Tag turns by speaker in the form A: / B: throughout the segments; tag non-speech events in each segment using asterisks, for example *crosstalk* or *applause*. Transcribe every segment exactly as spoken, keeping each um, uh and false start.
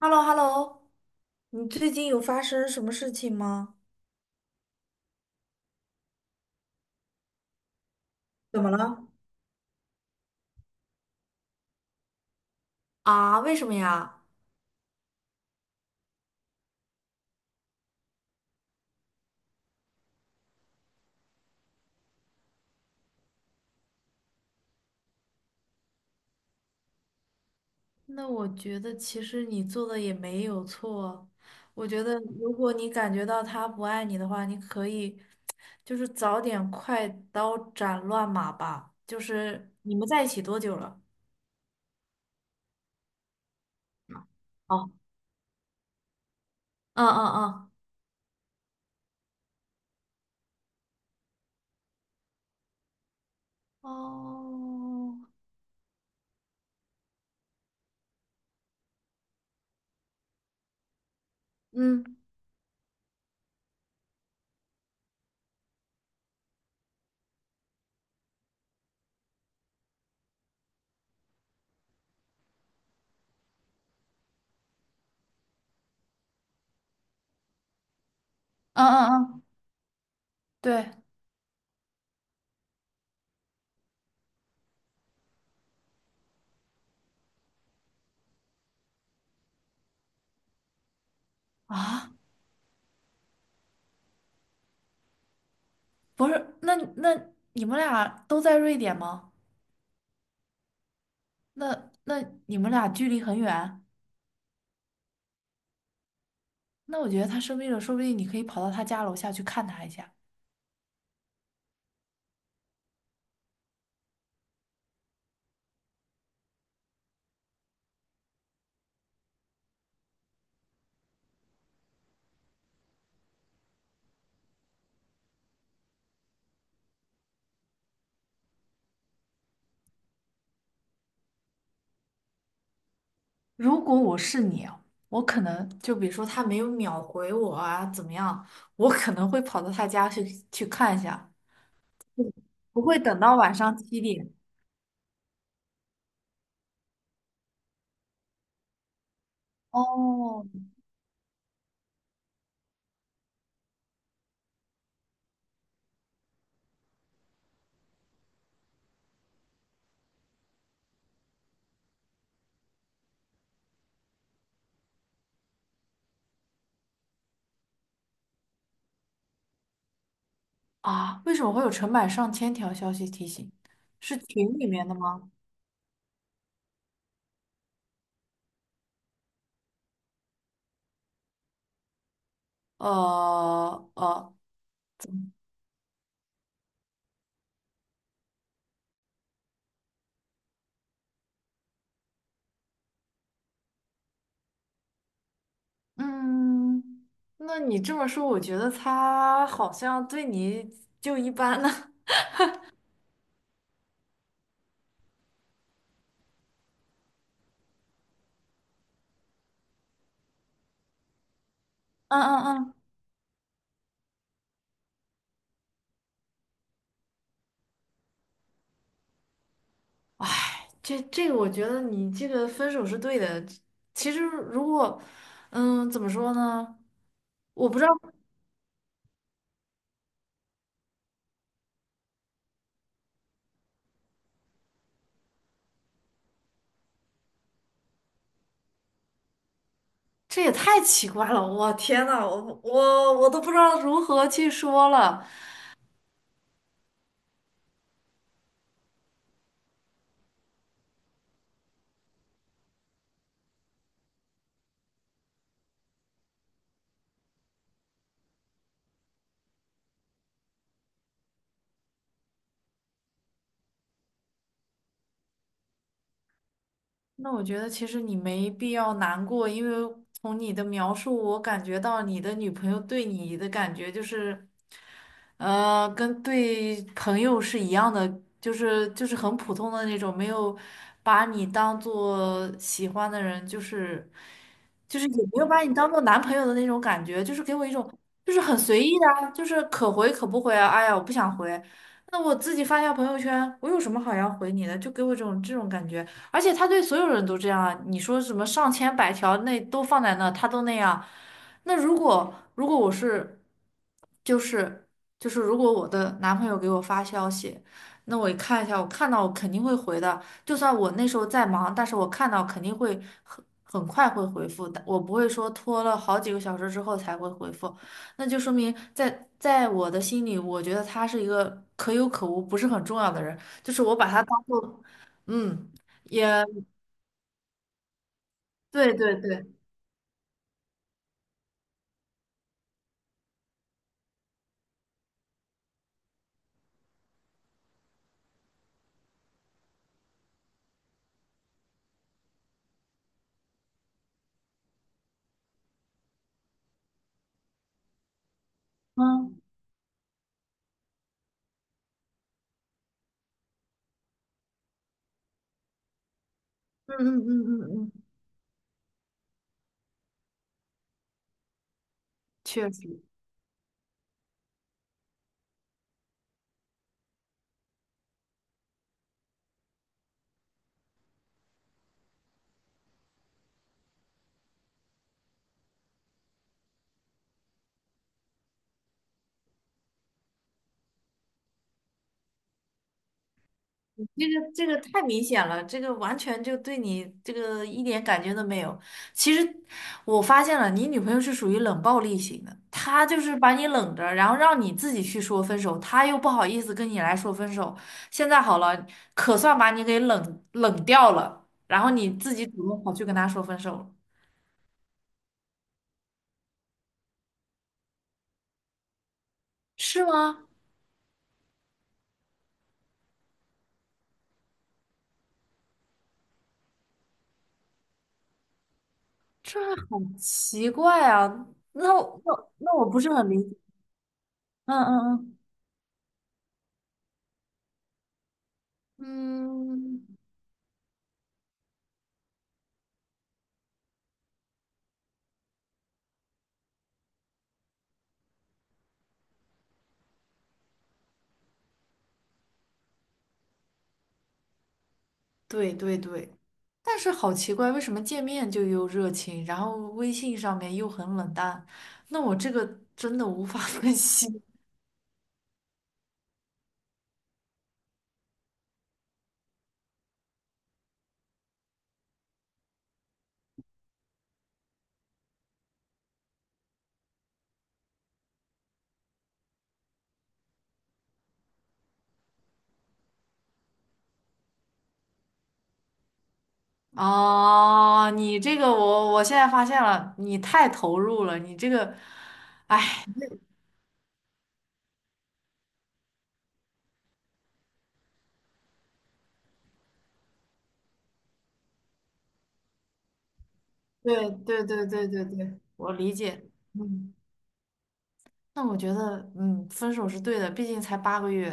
A: h e l l o h e l l o 你最近有发生什么事情吗？怎么了？啊，为什么呀？那我觉得其实你做的也没有错。我觉得如果你感觉到他不爱你的话，你可以就是早点快刀斩乱麻吧。就是你们在一起多久了？哦，嗯嗯嗯。哦，嗯嗯嗯嗯，对啊，不是，那那你们俩都在瑞典吗？那那你们俩距离很远，那我觉得他生病了，说不定你可以跑到他家楼下去看他一下。如果我是你啊，我可能就比如说他没有秒回我啊，怎么样，我可能会跑到他家去去看一下，不会等到晚上七点。哦，啊，为什么会有成百上千条消息提醒？是群里面的吗？呃呃，嗯，那你这么说，我觉得他好像对你就一般呢。*laughs* 嗯嗯嗯，这这个我觉得你这个分手是对的。其实如果，嗯，怎么说呢？我不知道，这也太奇怪了。我天呐，我我我都不知道如何去说了。那我觉得其实你没必要难过，因为从你的描述，我感觉到你的女朋友对你的感觉就是。呃，跟对朋友是一样的，就是就是很普通的那种，没有把你当做喜欢的人，就是就是也没有把你当做男朋友的那种感觉，就是给我一种就是很随意的啊，就是可回可不回啊。哎呀，我不想回，那我自己发一下朋友圈，我有什么好要回你的？就给我这种这种感觉，而且他对所有人都这样啊，你说什么上千百条那都放在那，他都那样。那如果如果我是，就是。就是如果我的男朋友给我发消息，那我一看一下，我看到我肯定会回的。就算我那时候在忙，但是我看到肯定会很很快会回复的，我不会说拖了好几个小时之后才会回复。那就说明在在我的心里，我觉得他是一个可有可无、不是很重要的人，就是我把他当做，嗯，也对对对，嗯嗯嗯嗯嗯嗯，嗯确实。这个这个太明显了，这个完全就对你这个一点感觉都没有。其实我发现了，你女朋友是属于冷暴力型的，她就是把你冷着，然后让你自己去说分手，她又不好意思跟你来说分手。现在好了，可算把你给冷冷掉了，然后你自己主动跑去跟她说分手了，是吗？这很奇怪啊！那我那我那我不是很理解。嗯嗯嗯。嗯，对对对，但是好奇怪，为什么见面就又热情，然后微信上面又很冷淡？那我这个真的无法 *laughs* 分析。哦，你这个我我现在发现了，你太投入了，你这个，对对对对对对，我理解。嗯，那我觉得，嗯，分手是对的，毕竟才八个月，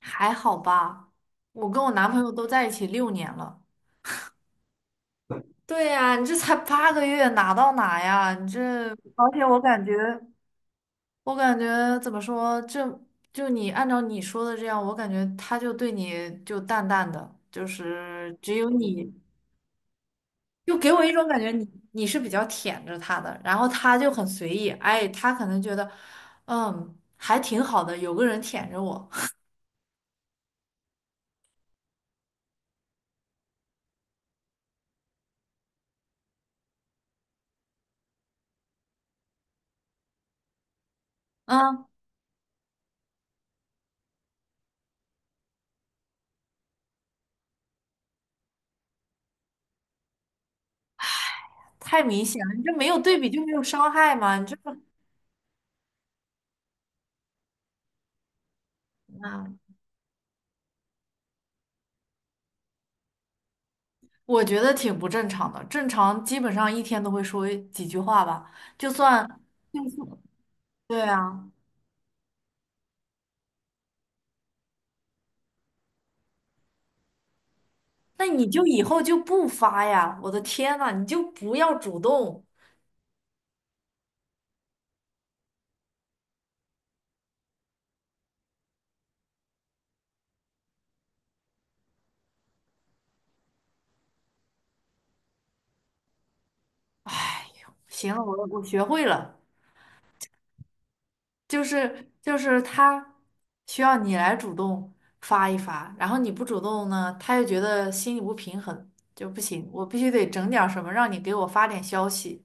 A: 还好吧？我跟我男朋友都在一起六年了。对呀，你这才八个月，哪到哪呀？你这，而且我感觉。我感觉怎么说，就就你按照你说的这样，我感觉他就对你就淡淡的，就是只有你，就给我一种感觉你，你是比较舔着他的，然后他就很随意，哎，他可能觉得，嗯，还挺好的，有个人舔着我，*laughs* 嗯，太明显了，你这没有对比就没有伤害嘛，你这个，嗯，我觉得挺不正常的，正常基本上一天都会说几句话吧，就算，就算，对啊。那你就以后就不发呀！我的天呐，你就不要主动。行了，我我学会了，就是就是他需要你来主动发一发，然后你不主动呢，他又觉得心里不平衡，就不行，我必须得整点儿什么让你给我发点消息。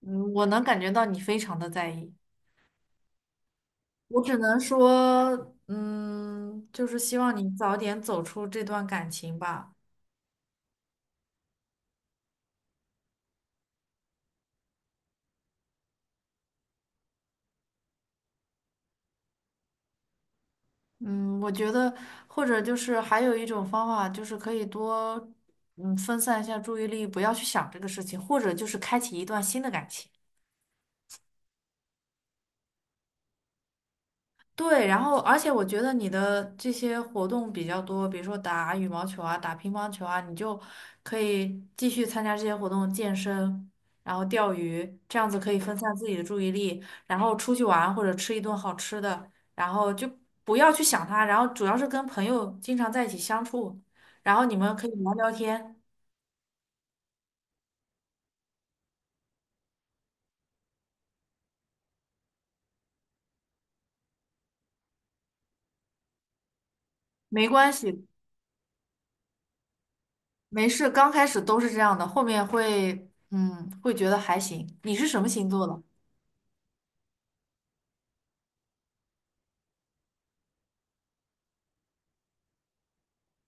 A: 嗯，我能感觉到你非常的在意，我只能说，嗯，就是希望你早点走出这段感情吧。嗯，我觉得或者就是还有一种方法，就是可以多嗯分散一下注意力，不要去想这个事情，或者就是开启一段新的感情。对，然后而且我觉得你的这些活动比较多，比如说打羽毛球啊、打乒乓球啊，你就可以继续参加这些活动，健身，然后钓鱼，这样子可以分散自己的注意力，然后出去玩或者吃一顿好吃的，然后就不要去想他，然后主要是跟朋友经常在一起相处，然后你们可以聊聊天，没关系，没事，刚开始都是这样的，后面会，嗯，会觉得还行。你是什么星座的？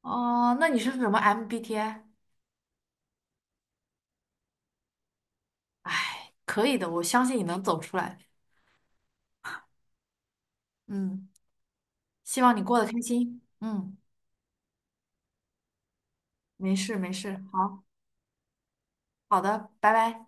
A: 哦，那你是什么 M B T I？哎，可以的，我相信你能走出来。嗯，希望你过得开心。嗯，没事没事，好好的，拜拜。